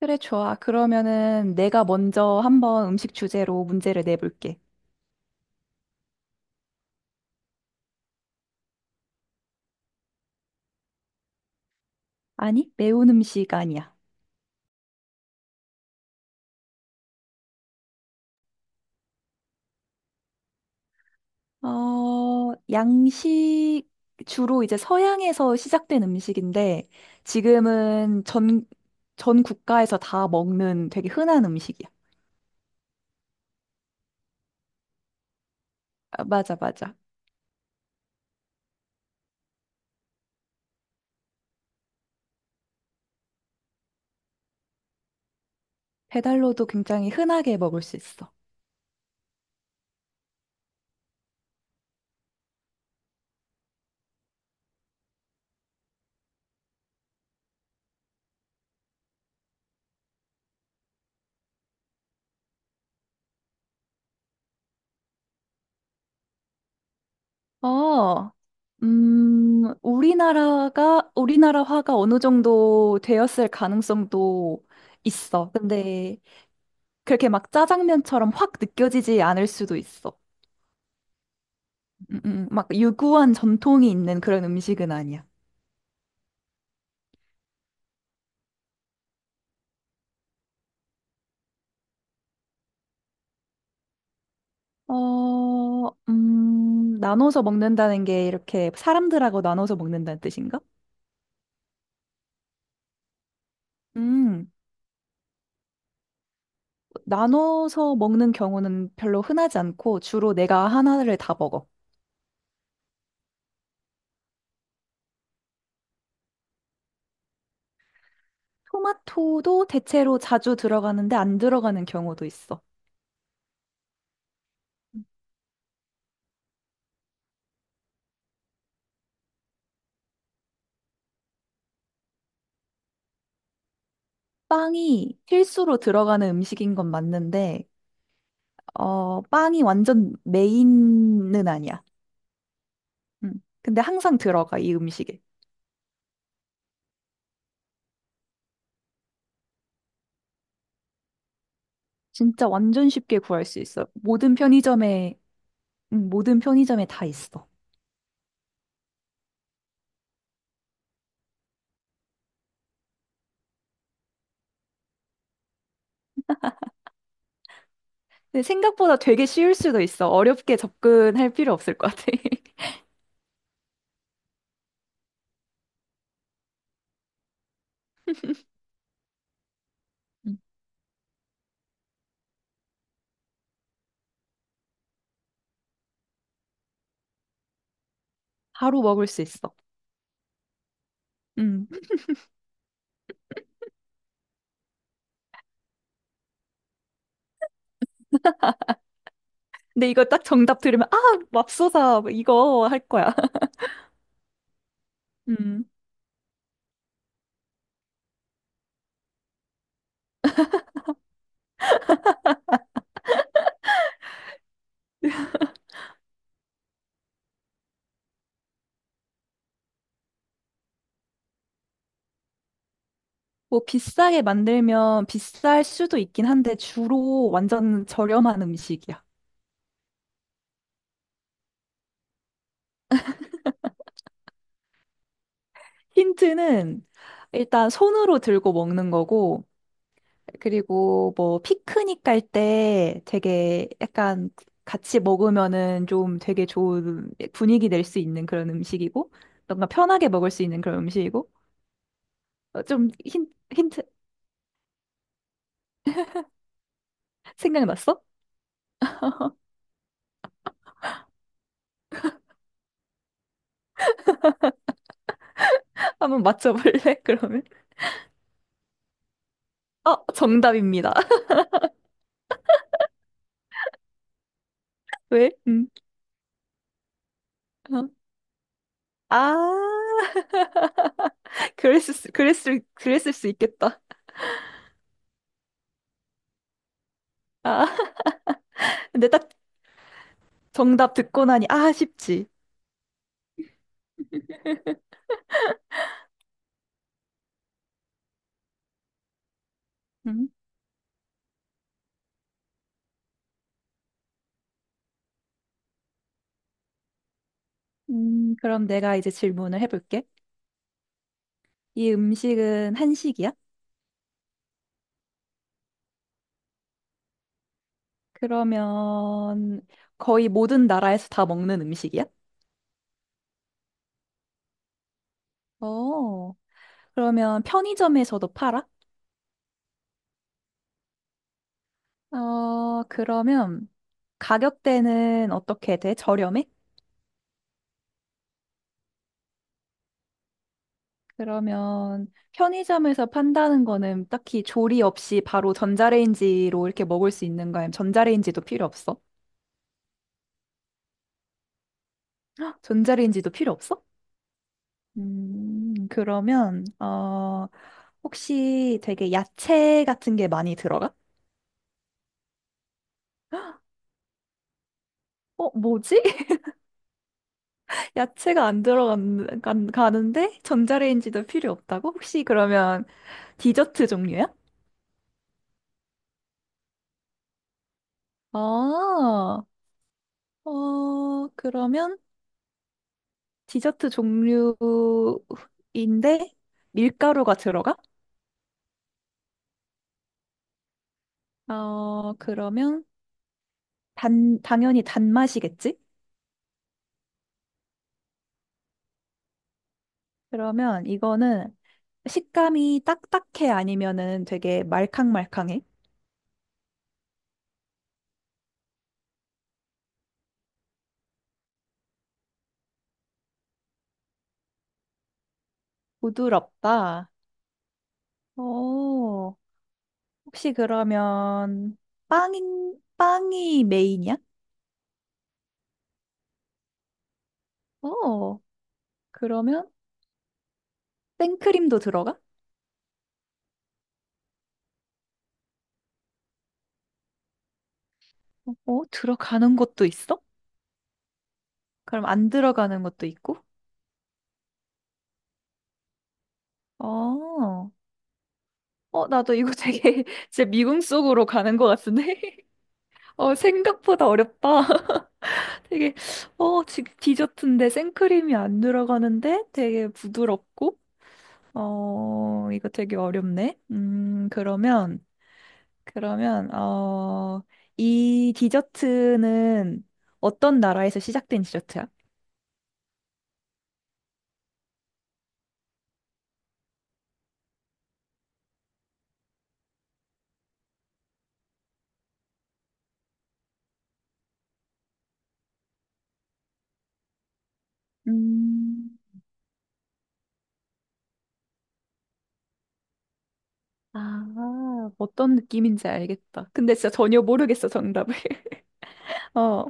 그래, 좋아. 그러면은 내가 먼저 한번 음식 주제로 문제를 내볼게. 아니, 매운 음식 아니야. 어, 양식, 주로 이제 서양에서 시작된 음식인데, 지금은 전 국가에서 다 먹는 되게 흔한 음식이야. 아, 맞아, 맞아. 배달로도 굉장히 흔하게 먹을 수 있어. 어, 우리나라화가 어느 정도 되었을 가능성도 있어. 근데 그렇게 막 짜장면처럼 확 느껴지지 않을 수도 있어. 막 유구한 전통이 있는 그런 음식은 아니야. 나눠서 먹는다는 게 이렇게 사람들하고 나눠서 먹는다는 뜻인가? 음, 나눠서 먹는 경우는 별로 흔하지 않고 주로 내가 하나를 다 먹어. 토마토도 대체로 자주 들어가는데 안 들어가는 경우도 있어. 빵이 필수로 들어가는 음식인 건 맞는데, 어, 빵이 완전 메인은 아니야. 음. 근데 항상 들어가, 이 음식에. 진짜 완전 쉽게 구할 수 있어. 모든 편의점에, 모든 편의점에 다 있어. 근데 생각보다 되게 쉬울 수도 있어. 어렵게 접근할 필요 없을 것 같아. 음. 바로 먹을 수 있어. 음. 근데 이거 딱 정답 들으면, 아, 맙소사, 뭐 이거 할 거야. 음. 뭐 비싸게 만들면 비쌀 수도 있긴 한데 주로 완전 저렴한 음식이야. 힌트는 일단 손으로 들고 먹는 거고, 그리고 뭐 피크닉 갈 때 되게 약간 같이 먹으면은 좀 되게 좋은 분위기 낼 수 있는 그런 음식이고 뭔가 편하게 먹을 수 있는 그런 음식이고 어, 좀 힌트. 생각났어? 한번 맞춰볼래? 그러면 어 정답입니다. 왜? 음. 어. 아 그랬을 수 있겠다. 아 근데 딱 정답 듣고 나니 아 쉽지. 음, 그럼 내가 이제 질문을 해볼게. 이 음식은 한식이야? 그러면 거의 모든 나라에서 다 먹는 음식이야? 어, 그러면 편의점에서도 팔아? 어, 그러면 가격대는 어떻게 돼? 저렴해? 그러면 편의점에서 판다는 거는 딱히 조리 없이 바로 전자레인지로 이렇게 먹을 수 있는 거야? 아니면 전자레인지도 필요 없어? 헉, 전자레인지도 필요 없어? 그러면, 혹시 되게 야채 같은 게 많이 들어가? 어, 뭐지? 야채가 안 들어가는데 전자레인지도 필요 없다고? 혹시 그러면 디저트 종류야? 아, 어, 그러면 디저트 종류인데 밀가루가 들어가? 어, 그러면 단, 당연히 단맛이겠지? 그러면 이거는 식감이 딱딱해 아니면은 되게 말캉말캉해? 부드럽다. 어, 혹시 그러면 빵이 메인이야? 어, 그러면 생크림도 들어가? 어, 들어가는 것도 있어? 그럼 안 들어가는 것도 있고? 어, 어, 나도 이거 되게 진짜 미궁 속으로 가는 것 같은데? 어, 생각보다 어렵다. 되게, 어, 디저트인데 생크림이 안 들어가는데 되게 부드럽고? 어, 이거 되게 어렵네. 그러면, 어, 이 디저트는 어떤 나라에서 시작된 디저트야? 음, 아, 어떤 느낌인지 알겠다. 근데 진짜 전혀 모르겠어, 정답을. 어.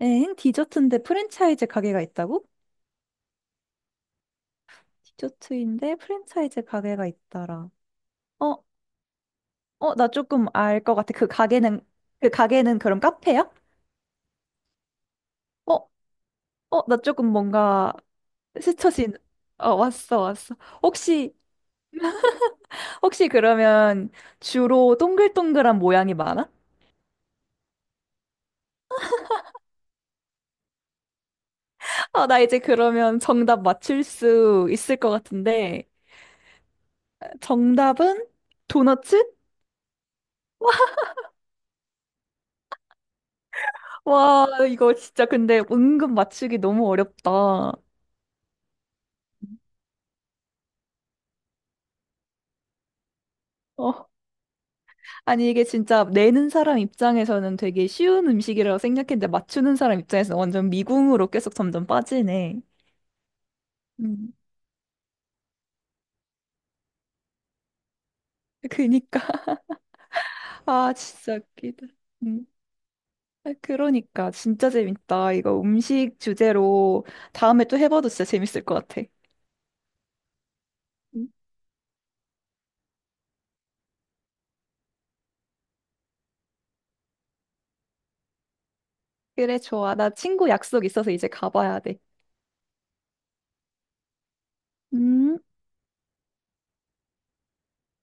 엥? 디저트인데 프랜차이즈 가게가 있다고? 디저트인데 프랜차이즈 가게가 있더라. 어, 어, 나 조금 알 것 같아. 그 가게는, 그 가게는 그럼 카페야? 어, 어, 나 조금 뭔가 스쳐진, 어, 왔어, 왔어. 혹시, 혹시 그러면 주로 동글동글한 모양이 많아? 아, 나 이제 그러면 정답 맞출 수 있을 것 같은데. 정답은 도너츠? 와, 이거 진짜 근데 은근 맞추기 너무 어렵다. 어. 아니, 이게 진짜 내는 사람 입장에서는 되게 쉬운 음식이라고 생각했는데 맞추는 사람 입장에서는 완전 미궁으로 계속 점점 빠지네. 음. 그니까. 아, 진짜 웃기다. 음. 아, 그러니까. 진짜 재밌다. 이거 음식 주제로 다음에 또 해봐도 진짜 재밌을 것 같아. 음. 그래, 좋아. 나 친구 약속 있어서 이제 가봐야 돼. 음.